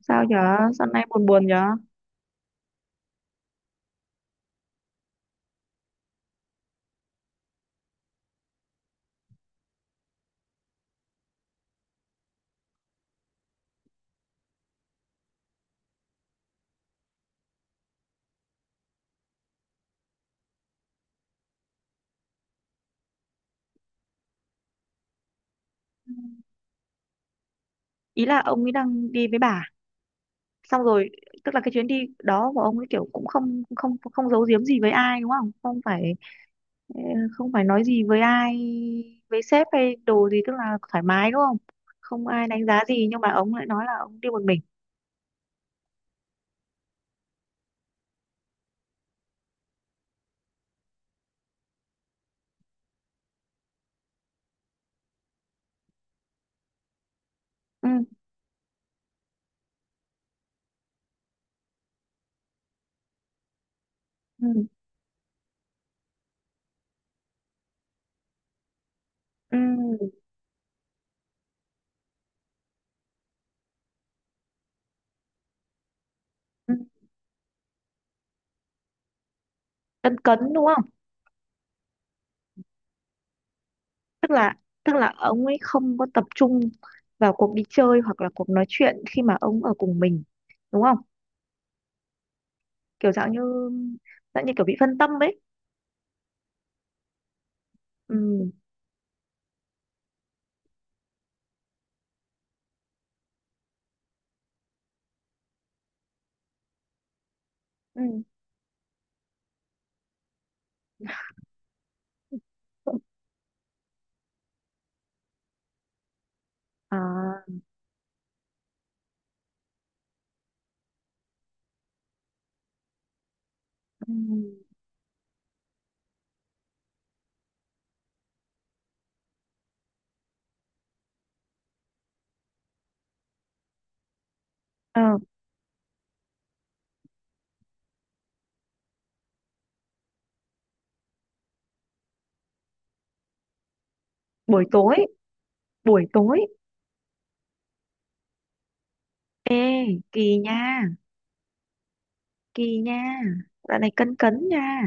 Sao nhở? Sao nay buồn buồn nhở? Ý là ông ấy đang đi với bà. Xong rồi, tức là cái chuyến đi đó của ông ấy kiểu cũng không không không giấu giếm gì với ai đúng không? Ờ, Không phải nói gì với ai, với sếp hay đồ gì, tức là thoải mái đúng không? Không ai đánh giá gì nhưng mà ông lại nói là ông đi một mình. Ừ, ừ, ừ, ừ. Cấn cấn đúng không? Tức là tức là ông ấy không có tập trung vào cuộc đi chơi hoặc là cuộc nói chuyện khi mà ông ở cùng mình, đúng không? Kiểu dạng như, kiểu bị phân tâm ấy. Ừ. Ừ. À, ừ. Ờ, buổi tối buổi tối. Ê, kỳ nha, kỳ nha, dạo này cấn cấn nha.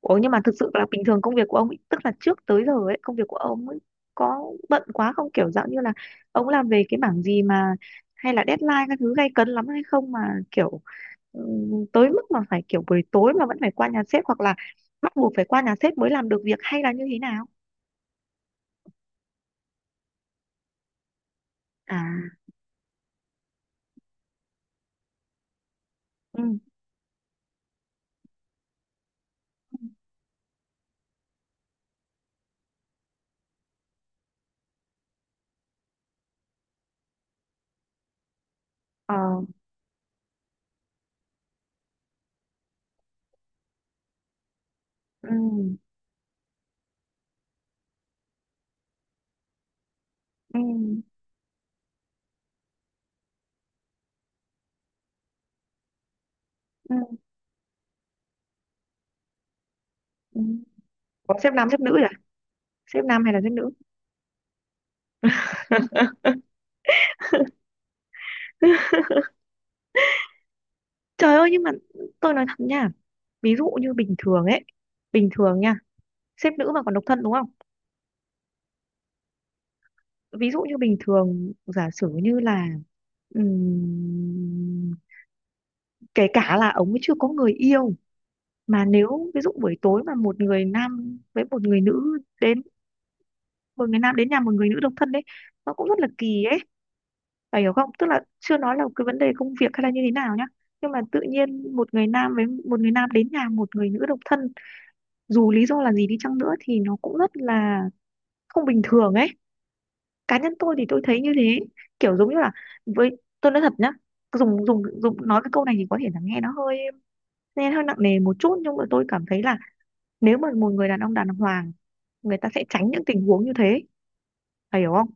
Ủa nhưng mà thực sự là bình thường công việc của ông ấy, tức là trước tới giờ ấy công việc của ông ấy có bận quá không, kiểu dạng như là ông làm về cái mảng gì mà hay là deadline các thứ gay cấn lắm hay không mà kiểu ừ, tới mức mà phải kiểu buổi tối mà vẫn phải qua nhà sếp hoặc là bắt buộc phải qua nhà sếp mới làm được việc hay là như thế nào? À. Ừ. Ờ. Ừ, ừ, ừ, ừ. Có xếp nam xếp nữ rồi à? Xếp nam hay là xếp nữ? Trời ơi, nhưng mà tôi nói thật nha. Ví dụ như bình thường ấy. Bình thường nha, xếp nữ mà còn độc thân đúng không? Ví dụ như bình thường giả sử như là ừm, kể cả là ông ấy chưa có người yêu. Mà nếu ví dụ buổi tối mà một người nam với một người nữ đến, một người nam đến nhà một người nữ độc thân đấy, nó cũng rất là kỳ ấy. Bà hiểu không? Tức là chưa nói là cái vấn đề công việc hay là như thế nào nhá. Nhưng mà tự nhiên một người nam với một người nam đến nhà một người nữ độc thân, dù lý do là gì đi chăng nữa thì nó cũng rất là không bình thường ấy. Cá nhân tôi thì tôi thấy như thế, kiểu giống như là, với tôi nói thật nhá, dùng dùng dùng nói cái câu này thì có thể là nghe nó hơi, nghe hơi nặng nề một chút, nhưng mà tôi cảm thấy là nếu mà một người đàn ông đàng hoàng, người ta sẽ tránh những tình huống như thế, phải hiểu không?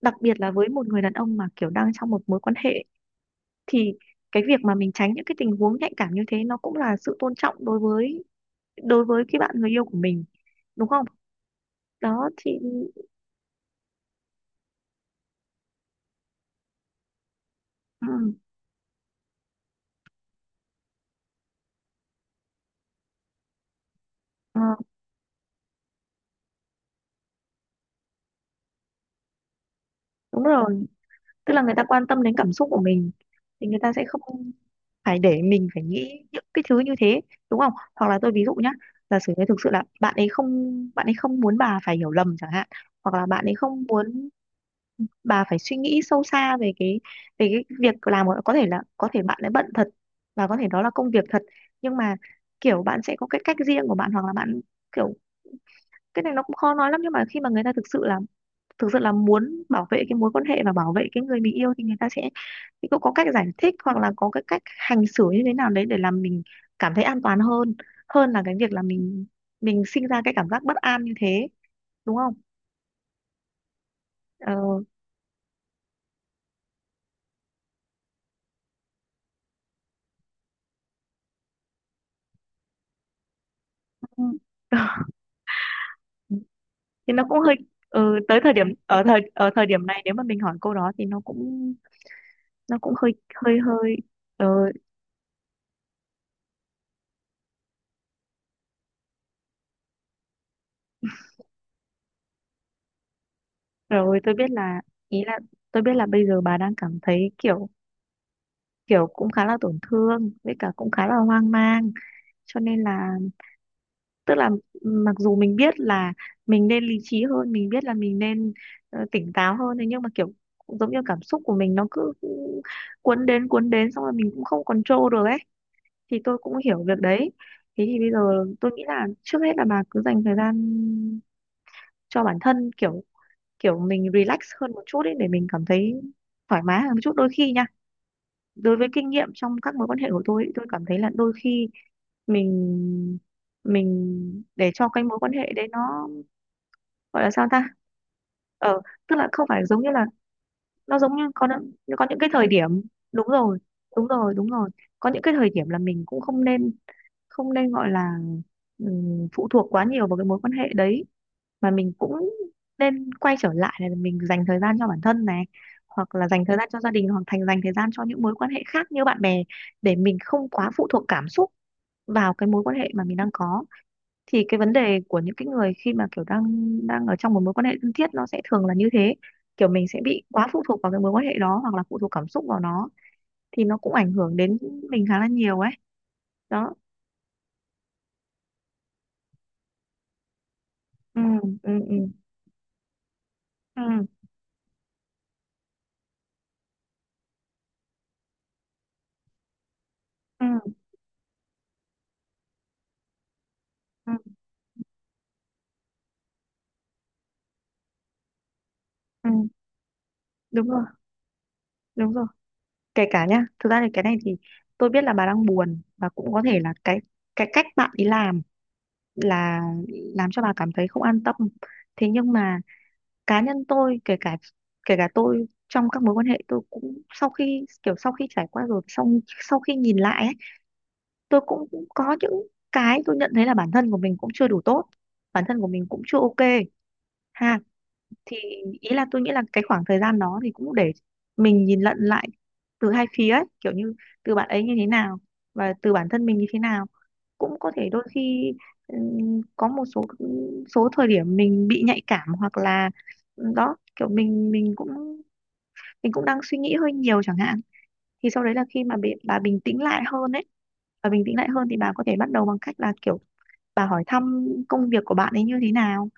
Đặc biệt là với một người đàn ông mà kiểu đang trong một mối quan hệ, thì cái việc mà mình tránh những cái tình huống nhạy cảm như thế nó cũng là sự tôn trọng đối với, đối với cái bạn người yêu của mình, đúng không? Đó thì ừ, ờ, đúng rồi, tức là người ta quan tâm đến cảm xúc của mình thì người ta sẽ không phải để mình phải nghĩ những cái thứ như thế, đúng không? Hoặc là tôi ví dụ nhá, giả sử như thực sự là bạn ấy không, bạn ấy không muốn bà phải hiểu lầm chẳng hạn, hoặc là bạn ấy không muốn bà phải suy nghĩ sâu xa về cái, về cái việc làm của- có thể là có thể bạn lại bận thật, và có thể đó là công việc thật, nhưng mà kiểu bạn sẽ có cái cách riêng của bạn, hoặc là bạn kiểu, cái này nó cũng khó nói lắm, nhưng mà khi mà người ta thực sự là muốn bảo vệ cái mối quan hệ và bảo vệ cái người mình yêu, thì người ta sẽ, thì cũng có cách giải thích hoặc là có cái cách hành xử như thế nào đấy để làm mình cảm thấy an toàn hơn, hơn là cái việc là mình sinh ra cái cảm giác bất an như thế, đúng không? Ờ. Thì nó cũng hơi, ừ, tới thời điểm, ở thời điểm này nếu mà mình hỏi câu đó thì nó cũng, nó cũng hơi hơi hơi. ờ, Rồi tôi biết là, ý là, tôi biết là bây giờ bà đang cảm thấy kiểu, kiểu cũng khá là tổn thương với cả cũng khá là hoang mang, cho nên là, tức là mặc dù mình biết là mình nên lý trí hơn, mình biết là mình nên tỉnh táo hơn, thế nhưng mà kiểu giống như cảm xúc của mình nó cứ cuốn đến, cuốn đến, xong rồi mình cũng không control được ấy, thì tôi cũng hiểu việc đấy. Thế thì bây giờ tôi nghĩ là trước hết là bà cứ dành thời gian cho bản thân, kiểu, mình relax hơn một chút ấy để mình cảm thấy thoải mái hơn một chút. Đôi khi nha, đối với kinh nghiệm trong các mối quan hệ của tôi ý, tôi cảm thấy là đôi khi mình, để cho cái mối quan hệ đấy nó gọi là sao ta, ờ, tức là không phải giống như là, nó giống như có những cái thời điểm, đúng rồi, đúng rồi, đúng rồi, có những cái thời điểm là mình cũng không nên, gọi là phụ thuộc quá nhiều vào cái mối quan hệ đấy, mà mình cũng nên quay trở lại là mình dành thời gian cho bản thân này, hoặc là dành thời gian cho gia đình hoặc thành dành thời gian cho những mối quan hệ khác như bạn bè, để mình không quá phụ thuộc cảm xúc vào cái mối quan hệ mà mình đang có. Thì cái vấn đề của những cái người khi mà kiểu đang, ở trong một mối quan hệ thân thiết nó sẽ thường là như thế, kiểu mình sẽ bị quá phụ thuộc vào cái mối quan hệ đó hoặc là phụ thuộc cảm xúc vào nó, thì nó cũng ảnh hưởng đến mình khá là nhiều ấy. Đó. Ừ, ừ, ừ, ừ, ừ. Ừ, ừ, đúng rồi, đúng rồi. Kể cả nhá, thực ra thì cái này thì tôi biết là bà đang buồn, và cũng có thể là cái cách bạn ấy làm là làm cho bà cảm thấy không an tâm. Thế nhưng mà cá nhân tôi, kể cả, tôi trong các mối quan hệ, tôi cũng sau khi kiểu sau khi trải qua rồi, xong sau khi nhìn lại ấy, tôi cũng, cũng có những cái tôi nhận thấy là bản thân của mình cũng chưa đủ tốt, bản thân của mình cũng chưa ok ha. Thì ý là tôi nghĩ là cái khoảng thời gian đó thì cũng để mình nhìn lận lại từ hai phía ấy, kiểu như từ bạn ấy như thế nào và từ bản thân mình như thế nào. Cũng có thể đôi khi có một số, ừ, số thời điểm mình bị nhạy cảm hoặc là ừ, đó kiểu mình, mình cũng đang suy nghĩ hơi nhiều chẳng hạn, thì sau đấy là khi mà bị, bà bình tĩnh lại hơn ấy, bà bình tĩnh lại hơn thì bà có thể bắt đầu bằng cách là kiểu bà hỏi thăm công việc của bạn ấy như thế nào.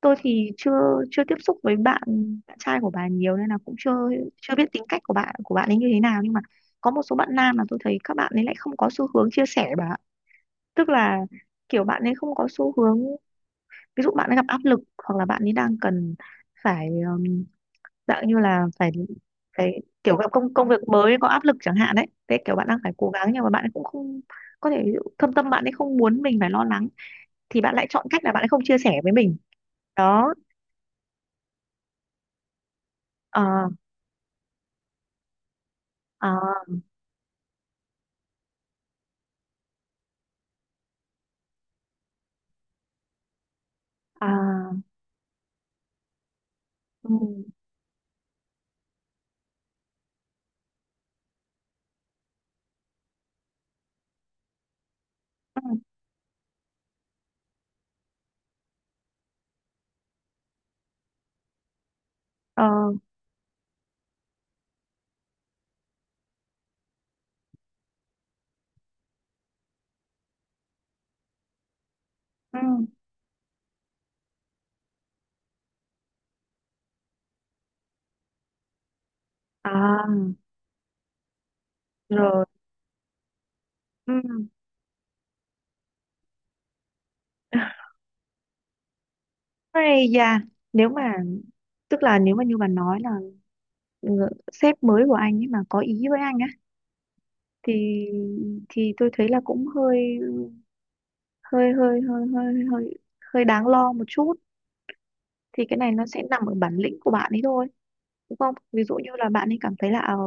Tôi thì chưa, tiếp xúc với bạn bạn trai của bà nhiều nên là cũng chưa, biết tính cách của bạn ấy như thế nào, nhưng mà có một số bạn nam mà tôi thấy các bạn ấy lại không có xu hướng chia sẻ bà ạ. Tức là kiểu bạn ấy không có xu hướng, ví dụ bạn ấy gặp áp lực hoặc là bạn ấy đang cần phải dạng như là phải, kiểu gặp công, việc mới có áp lực chẳng hạn đấy, thế kiểu bạn đang phải cố gắng nhưng mà bạn ấy cũng không, có thể ví dụ thâm tâm bạn ấy không muốn mình phải lo lắng thì bạn lại chọn cách là bạn ấy không chia sẻ với mình. Đó. Ờ. Ờ. À. Ừ, ừ. Ờ. Ừ. À rồi. Ừ. Ây da, nếu mà, tức là nếu mà như bà nói là ngự- sếp mới của anh ấy mà có ý với anh á thì, tôi thấy là cũng hơi hơi hơi hơi hơi hơi hơi đáng lo một chút, thì cái này nó sẽ nằm ở bản lĩnh của bạn ấy thôi, đúng không? Ví dụ như là bạn ấy cảm thấy là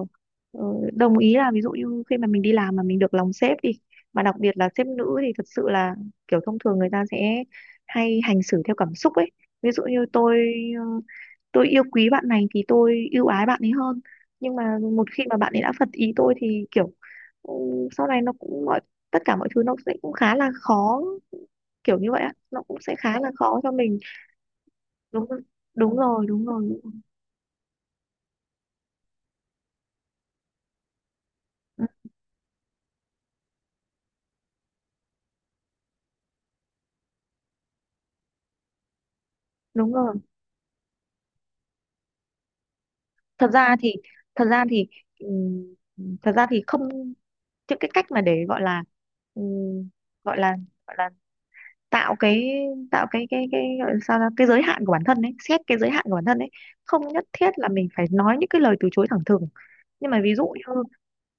ờ, đồng ý là ví dụ như khi mà mình đi làm mà mình được lòng sếp đi, mà đặc biệt là sếp nữ, thì thật sự là kiểu thông thường người ta sẽ hay hành xử theo cảm xúc ấy, ví dụ như tôi, ờ, tôi yêu quý bạn này thì tôi ưu ái bạn ấy hơn, nhưng mà một khi mà bạn ấy đã phật ý tôi thì kiểu ừ, sau này nó cũng mọi tất cả mọi thứ nó sẽ cũng khá là khó, kiểu như vậy á, nó cũng sẽ khá là khó cho mình. Đúng rồi, đúng rồi, đúng rồi, đúng rồi, ừ, đúng rồi. Thật ra thì, thật ra thì ừm, thật ra thì không, những cái cách mà để gọi là ừm, gọi là, gọi là tạo cái, gọi là sao ra cái giới hạn của bản thân ấy, xét cái giới hạn của bản thân ấy, không nhất thiết là mình phải nói những cái lời từ chối thẳng thừng, nhưng mà ví dụ như,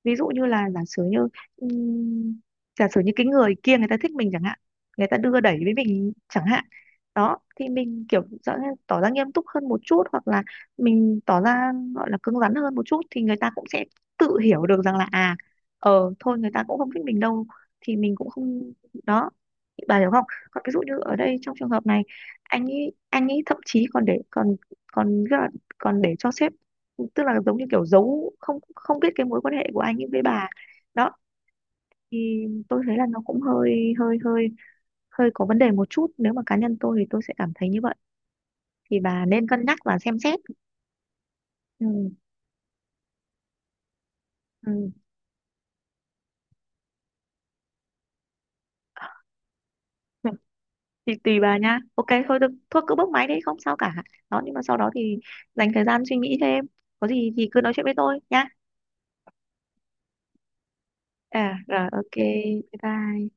ví dụ như là ừm, giả sử như cái người kia người ta thích mình chẳng hạn, người ta đưa đẩy với mình chẳng hạn, đó thì mình kiểu rõ ràng tỏ ra nghiêm túc hơn một chút hoặc là mình tỏ ra gọi là cứng rắn hơn một chút thì người ta cũng sẽ tự hiểu được rằng là à, ờ thôi người ta cũng không thích mình đâu, thì mình cũng không. Đó. Bà hiểu không? Còn ví dụ như ở đây trong trường hợp này anh ấy, thậm chí còn để còn còn còn để cho sếp, tức là giống như kiểu giấu, không không biết cái mối quan hệ của anh ấy với bà. Đó thì tôi thấy là nó cũng hơi hơi hơi, có vấn đề một chút, nếu mà cá nhân tôi thì tôi sẽ cảm thấy như vậy, thì bà nên cân nhắc và xem xét. Ừ, ừ. Thì tùy bà nha, ok thôi, được thôi, cứ bốc máy đi không sao cả. Đó nhưng mà sau đó thì dành thời gian suy nghĩ thêm, có gì thì cứ nói chuyện với tôi nha. À rồi, ok, bye bye.